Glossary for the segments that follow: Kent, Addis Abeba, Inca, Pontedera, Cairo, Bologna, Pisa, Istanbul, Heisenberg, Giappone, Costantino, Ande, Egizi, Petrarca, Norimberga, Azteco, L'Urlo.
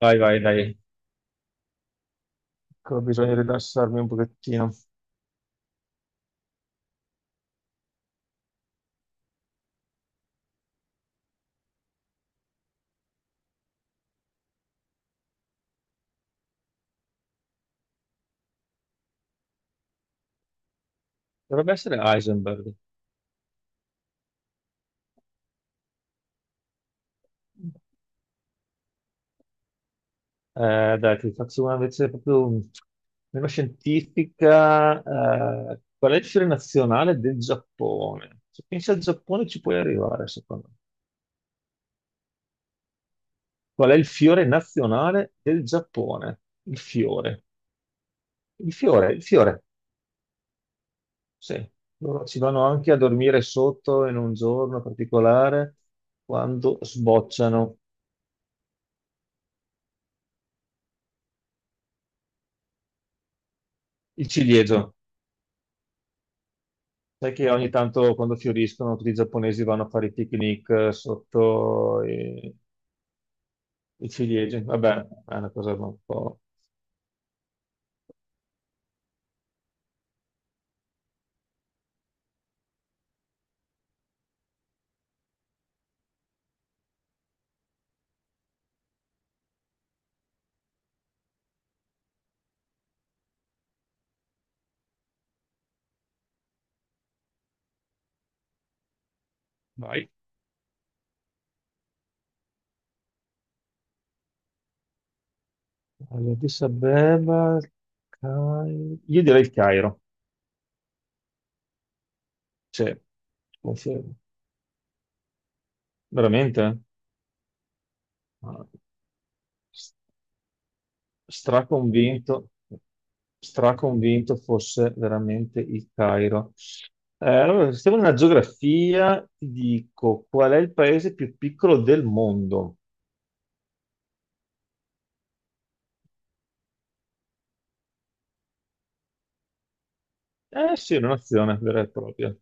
Vai, vai, dai. Ecco, bisogna rilassarmi un pochettino. Dovrebbe essere Heisenberg. Dai, ti faccio una invece proprio meno scientifica. Qual è il fiore nazionale del Giappone? Se pensi al Giappone ci puoi arrivare, secondo me. Qual è il fiore nazionale del Giappone? Il fiore. Il fiore. Sì. Loro ci vanno anche a dormire sotto in un giorno particolare quando sbocciano il ciliegio. Sai che ogni tanto quando fioriscono tutti i giapponesi vanno a fare i picnic sotto i, i ciliegi. Vabbè, è una cosa un po'. Vai. Allora, Addis Abeba, io direi il Cairo. Sì, confermo. Veramente? Ah, s- straconvinto, straconvinto fosse veramente il Cairo. Allora, stiamo nella geografia, ti dico qual è il paese più piccolo del mondo. Eh sì, è un'azione vera e propria,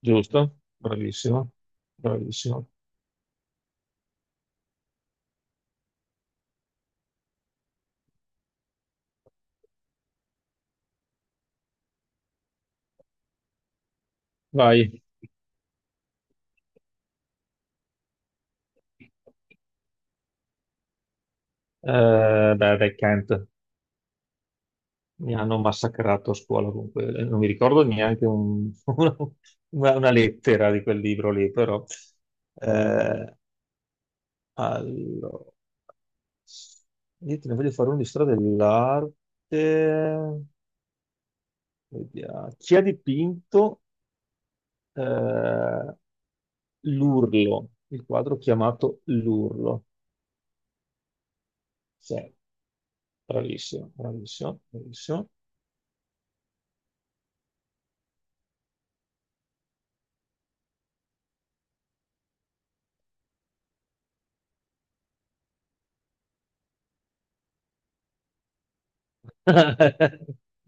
giusto? Bravissimo, bravissimo. Vai. Beh, dai, Kent, mi hanno massacrato a scuola comunque. Non mi ricordo neanche una, una lettera di quel libro lì, però. Eh, allora, io te ne voglio fare uno di storia dell'arte. Vediamo. Chi ha dipinto eh, l'Urlo, il quadro chiamato L'Urlo? Sì, bravissimo, bravissimo, bravissimo.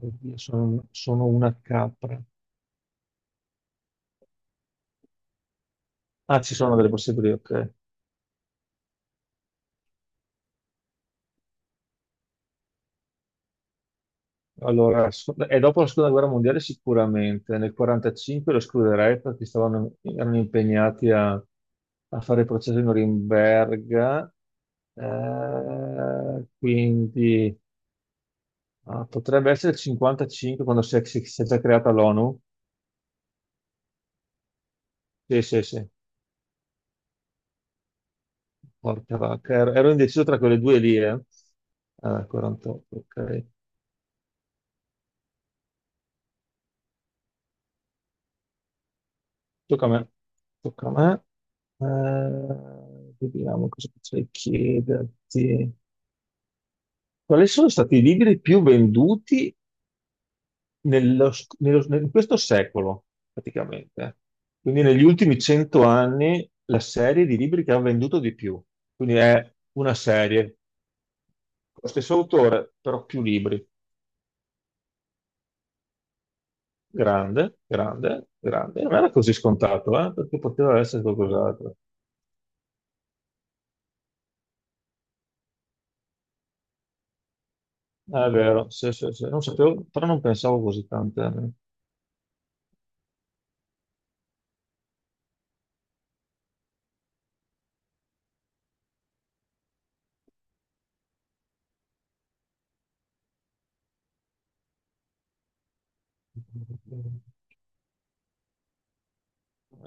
Oddio, sono una capra. Ah, ci sono delle possibili, ok. Allora, e dopo la seconda guerra mondiale sicuramente, nel 45 lo escluderei perché stavano, erano impegnati a fare il processo di Norimberga. Quindi ah, potrebbe essere il 55 quando si è già creata l'ONU. Sì, sì, sì. Porca vacca, ero indeciso tra quelle due lì, eh. Ah, 48, ok. Tocca a me. Tocca a me. Vediamo cosa potrei chiederti. Quali sono stati i libri più venduti nello sc- nello- nel- in questo secolo, praticamente? Quindi negli ultimi 100 anni la serie di libri che ha venduto di più. Quindi è una serie, lo stesso autore, però più libri. Grande, grande, grande. Non era così scontato, perché poteva essere qualcos'altro. Ah, è vero, sì, sì, sì. Non sapevo, però non pensavo così tante.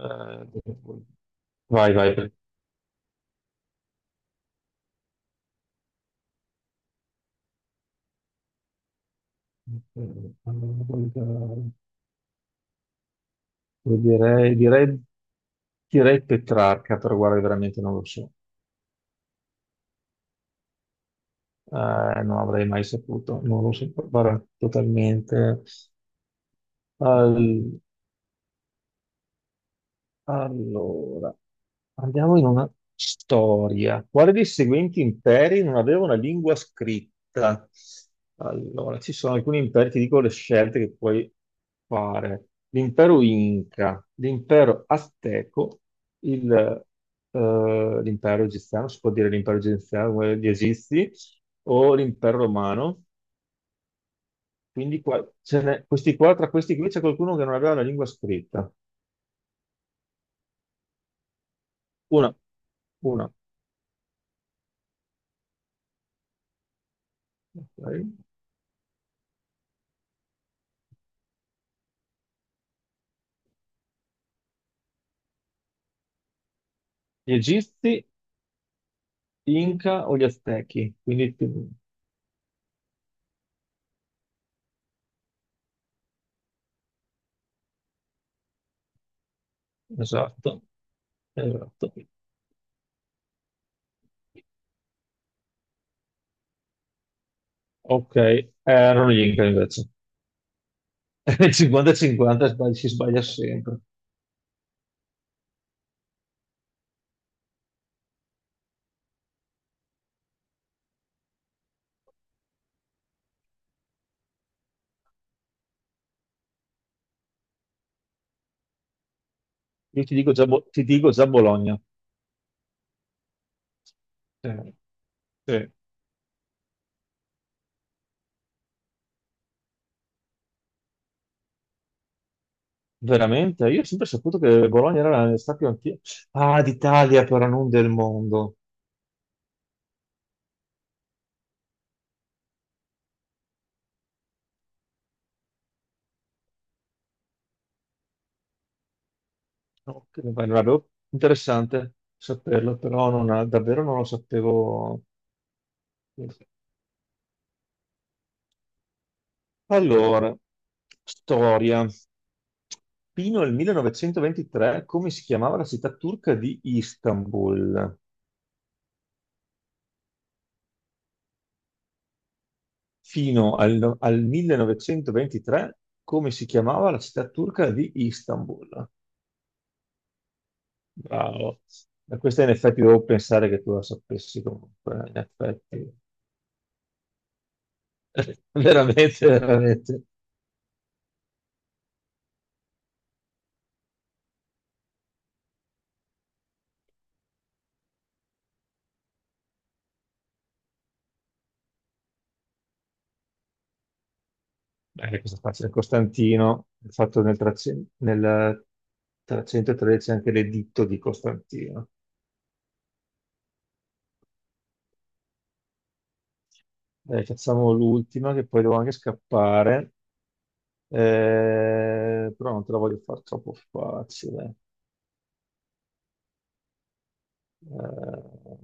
Eh, vai, vai. Direi, direi, direi Petrarca, però guarda, veramente non lo so. Eh, non avrei mai saputo, non lo so, guarda, totalmente. Allora, andiamo in una storia. Quale dei seguenti imperi non aveva una lingua scritta? Allora, ci sono alcuni imperi, ti dico le scelte che puoi fare. L'impero Inca, l'impero Azteco, il, l'impero egiziano, si può dire l'impero egiziano, quello degli Egizi, o l'impero romano. Quindi questi qua, tra questi qui c'è qualcuno che non aveva la lingua scritta. Una, una. Ok. Gli Egizi, Inca o gli Aztechi? Quindi, più- esatto, esatto. Ok, erano gli Inca invece. 50-50 si sbaglia sempre. Io ti dico già, ti dico già Bologna. Eh, sì. Veramente? Io ho sempre saputo che Bologna era la città più antica. Ah, d'Italia, però non del mondo. Ok, vai, non avevo- interessante saperlo, però non ha- davvero non lo sapevo. Allora, storia. Fino al 1923, come si chiamava la città turca di Istanbul? Fino al, no- al 1923, come si chiamava la città turca di Istanbul? Bravo. Ma questa in effetti devo pensare che tu la sapessi comunque, in effetti. Veramente, veramente. Bene, questa è facile. Costantino, il fatto 300, nel 313 anche l'editto di Costantino. Dai, facciamo l'ultima che poi devo anche scappare. Però non te la voglio far troppo facile. Eh,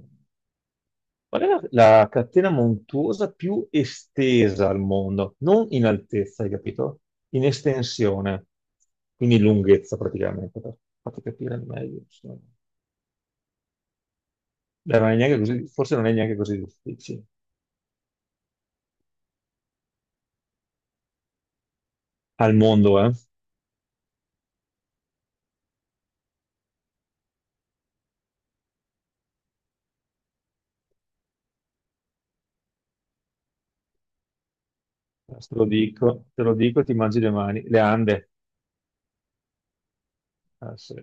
qual è la catena montuosa più estesa al mondo? Non in altezza, hai capito? In estensione, quindi lunghezza praticamente, per farti capire meglio, insomma. Beh, non è forse non è neanche così difficile. Al mondo, eh? Te lo dico e ti mangi le mani. Le Ande. Ah, sì.